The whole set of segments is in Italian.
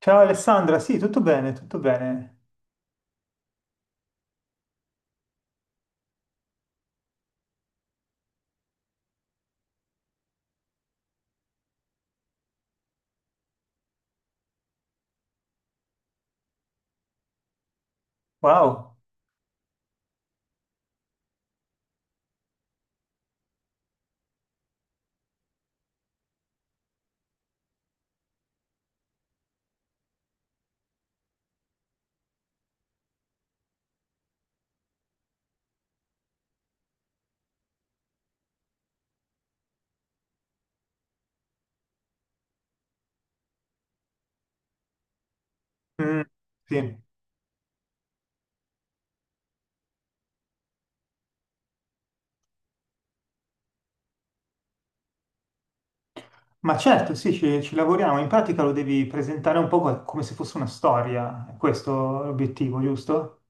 Ciao Alessandra, sì, tutto bene, tutto bene. Wow. Mm, sì. Ma certo, sì, ci lavoriamo. In pratica lo devi presentare un po' come se fosse una storia. È questo l'obiettivo, giusto?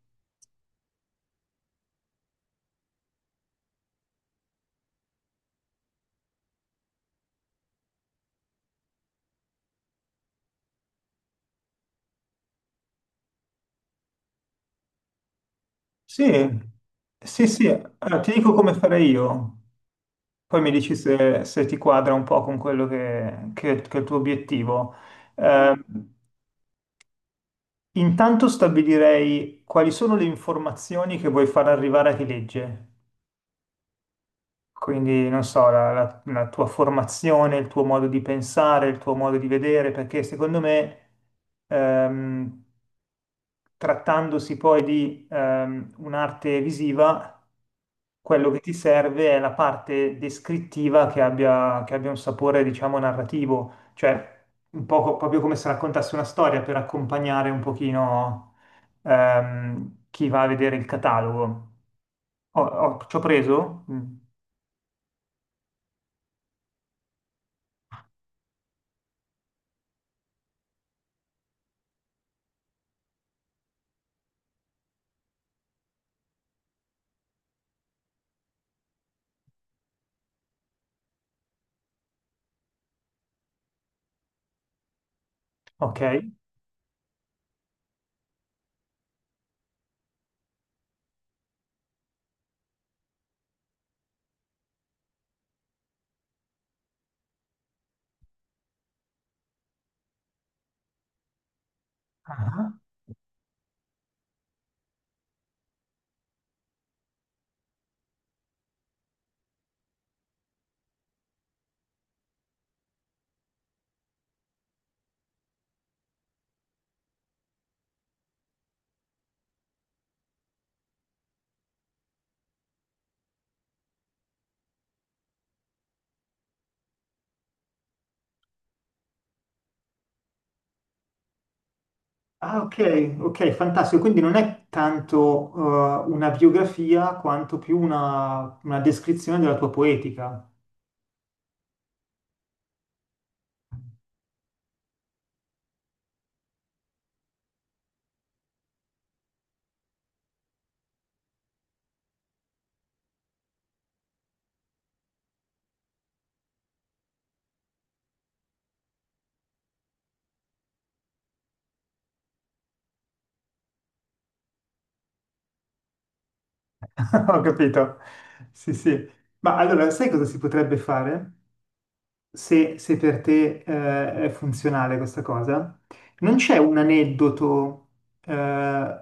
Sì, sì, sì. Allora, ti dico come farei io. Poi mi dici se ti quadra un po' con quello che è il tuo obiettivo. Eh, Intanto stabilirei quali sono le informazioni che vuoi far arrivare a chi legge. Quindi, non so, la tua formazione, il tuo modo di pensare, il tuo modo di vedere, perché secondo me, ehm, trattandosi poi di un'arte visiva, quello che ti serve è la parte descrittiva che abbia un sapore, diciamo, narrativo, cioè un po' proprio come se raccontassi una storia per accompagnare un pochino chi va a vedere il catalogo. Ci ho preso? Mm, ok. Ah, ah, ok, ok, fantastico. Quindi non è tanto una biografia quanto più una descrizione della tua poetica. Ho capito. Sì, sì. Ma allora, sai cosa si potrebbe fare? Se per te, è funzionale questa cosa? Non c'è un aneddoto, eh,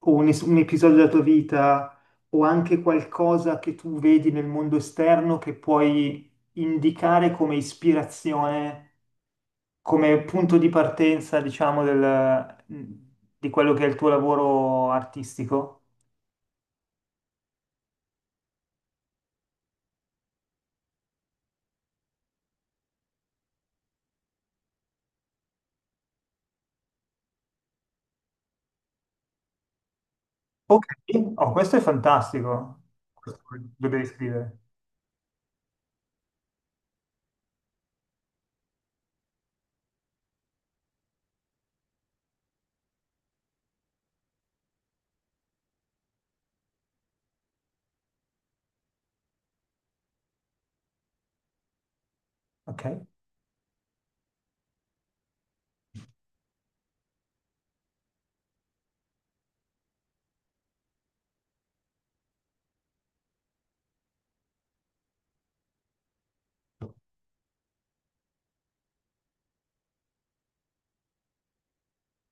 o un episodio della tua vita o anche qualcosa che tu vedi nel mondo esterno che puoi indicare come ispirazione, come punto di partenza, diciamo, di quello che è il tuo lavoro artistico? Ok, oh, questo è fantastico. Questo lo devi scrivere. Ok.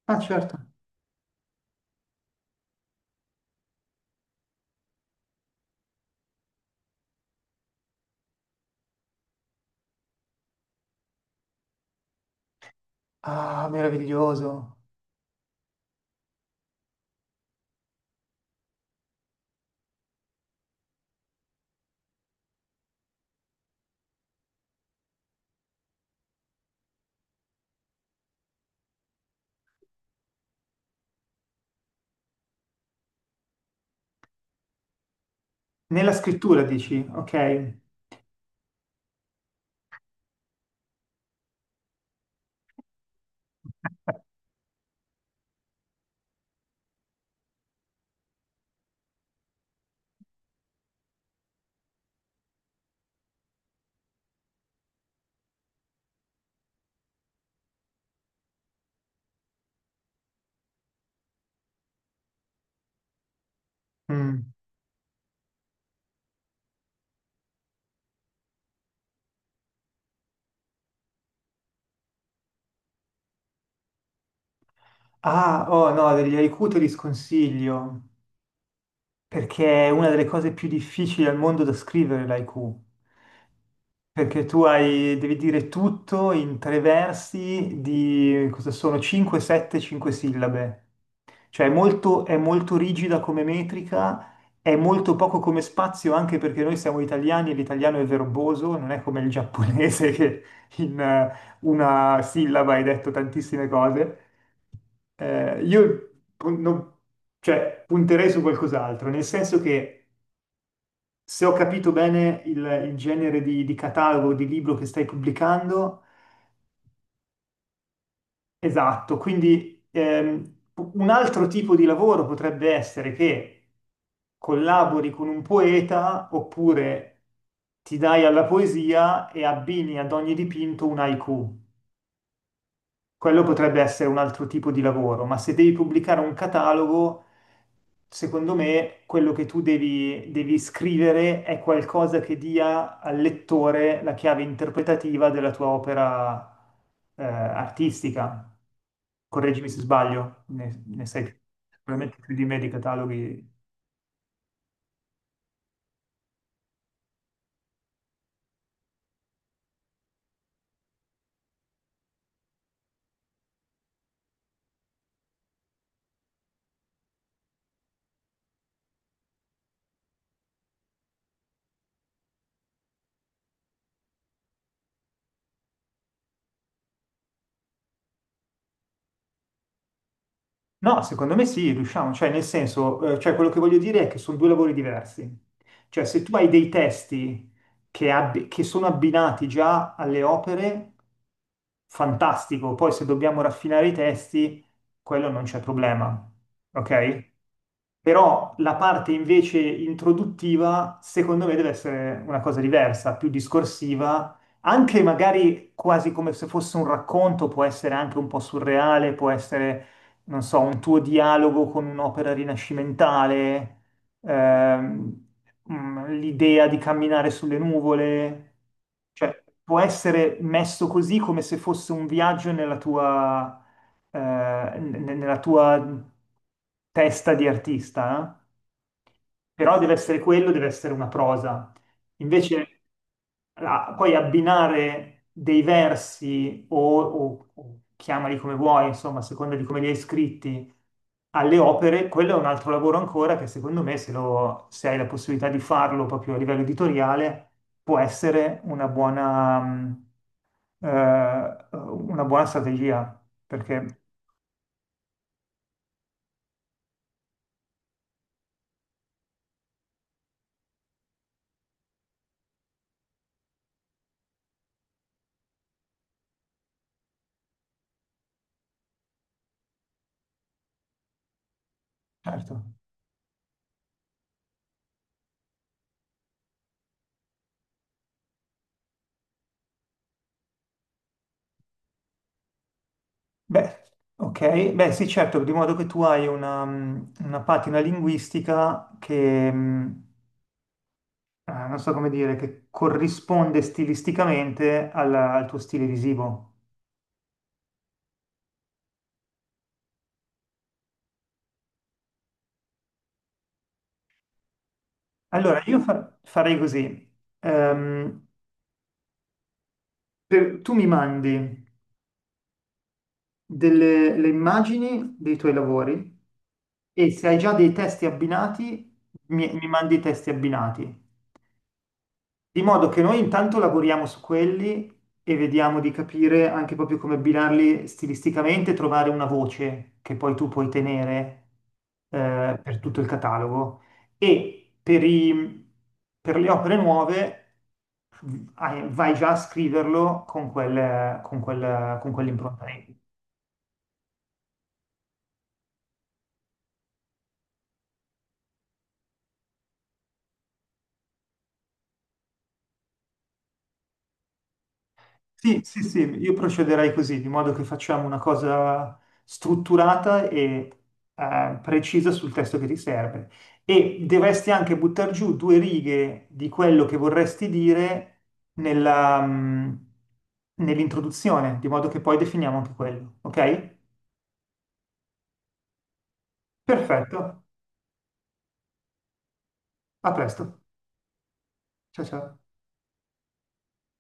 Ah, certo. Ah, meraviglioso. Nella scrittura dici, ok. Mm. Ah, oh no, degli haiku te li sconsiglio. Perché è una delle cose più difficili al mondo da scrivere l'IQ. Perché tu hai, devi dire tutto in tre versi di cosa sono 5, 7, 5 sillabe. Cioè è molto rigida come metrica, è molto poco come spazio anche perché noi siamo italiani e l'italiano è verboso, non è come il giapponese che in una sillaba hai detto tantissime cose. Io pun- non- cioè, punterei su qualcos'altro, nel senso che se ho capito bene il genere di catalogo di libro che stai pubblicando, esatto, quindi un altro tipo di lavoro potrebbe essere che collabori con un poeta oppure ti dai alla poesia e abbini ad ogni dipinto un haiku. Quello potrebbe essere un altro tipo di lavoro, ma se devi pubblicare un catalogo, secondo me quello che tu devi scrivere è qualcosa che dia al lettore la chiave interpretativa della tua opera, artistica. Correggimi se sbaglio, ne sai probabilmente più di me di cataloghi. No, secondo me sì, riusciamo, cioè nel senso, cioè quello che voglio dire è che sono due lavori diversi. Cioè se tu hai dei testi che sono abbinati già alle opere, fantastico, poi se dobbiamo raffinare i testi, quello non c'è problema, ok? Però la parte invece introduttiva, secondo me, deve essere una cosa diversa, più discorsiva, anche magari quasi come se fosse un racconto, può essere anche un po' surreale, può essere, non so, un tuo dialogo con un'opera rinascimentale, ehm, l'idea di camminare sulle nuvole, cioè può essere messo così come se fosse un viaggio nella tua eh, ne- nella tua testa di artista, eh? Però deve essere quello, deve essere una prosa. Invece, poi abbinare dei versi o chiamali come vuoi, insomma, a seconda di come li hai scritti, alle opere, quello è un altro lavoro ancora che secondo me, se hai la possibilità di farlo proprio a livello editoriale, può essere eh, una buona strategia, perché certo. Beh, ok. Beh, sì, certo, di modo che tu hai una patina linguistica che, non so come dire, che corrisponde stilisticamente al, tuo stile visivo. Allora, io farei così. Ehm, Tu mi mandi delle le immagini dei tuoi lavori e se hai già dei testi abbinati, mi mandi i testi abbinati. Di modo che noi intanto lavoriamo su quelli e vediamo di capire anche proprio come abbinarli stilisticamente, trovare una voce che poi tu puoi tenere per tutto il catalogo. E per le opere nuove vai già a scriverlo con quel- con quel- con quell'impronta lì. Sì, sì, sì, io procederei così, di modo che facciamo una cosa strutturata e precisa sul testo che ti serve. E dovresti anche buttare giù due righe di quello che vorresti dire nella, mm, nell'introduzione, di modo che poi definiamo anche quello, ok? Perfetto, a presto. Ciao ciao.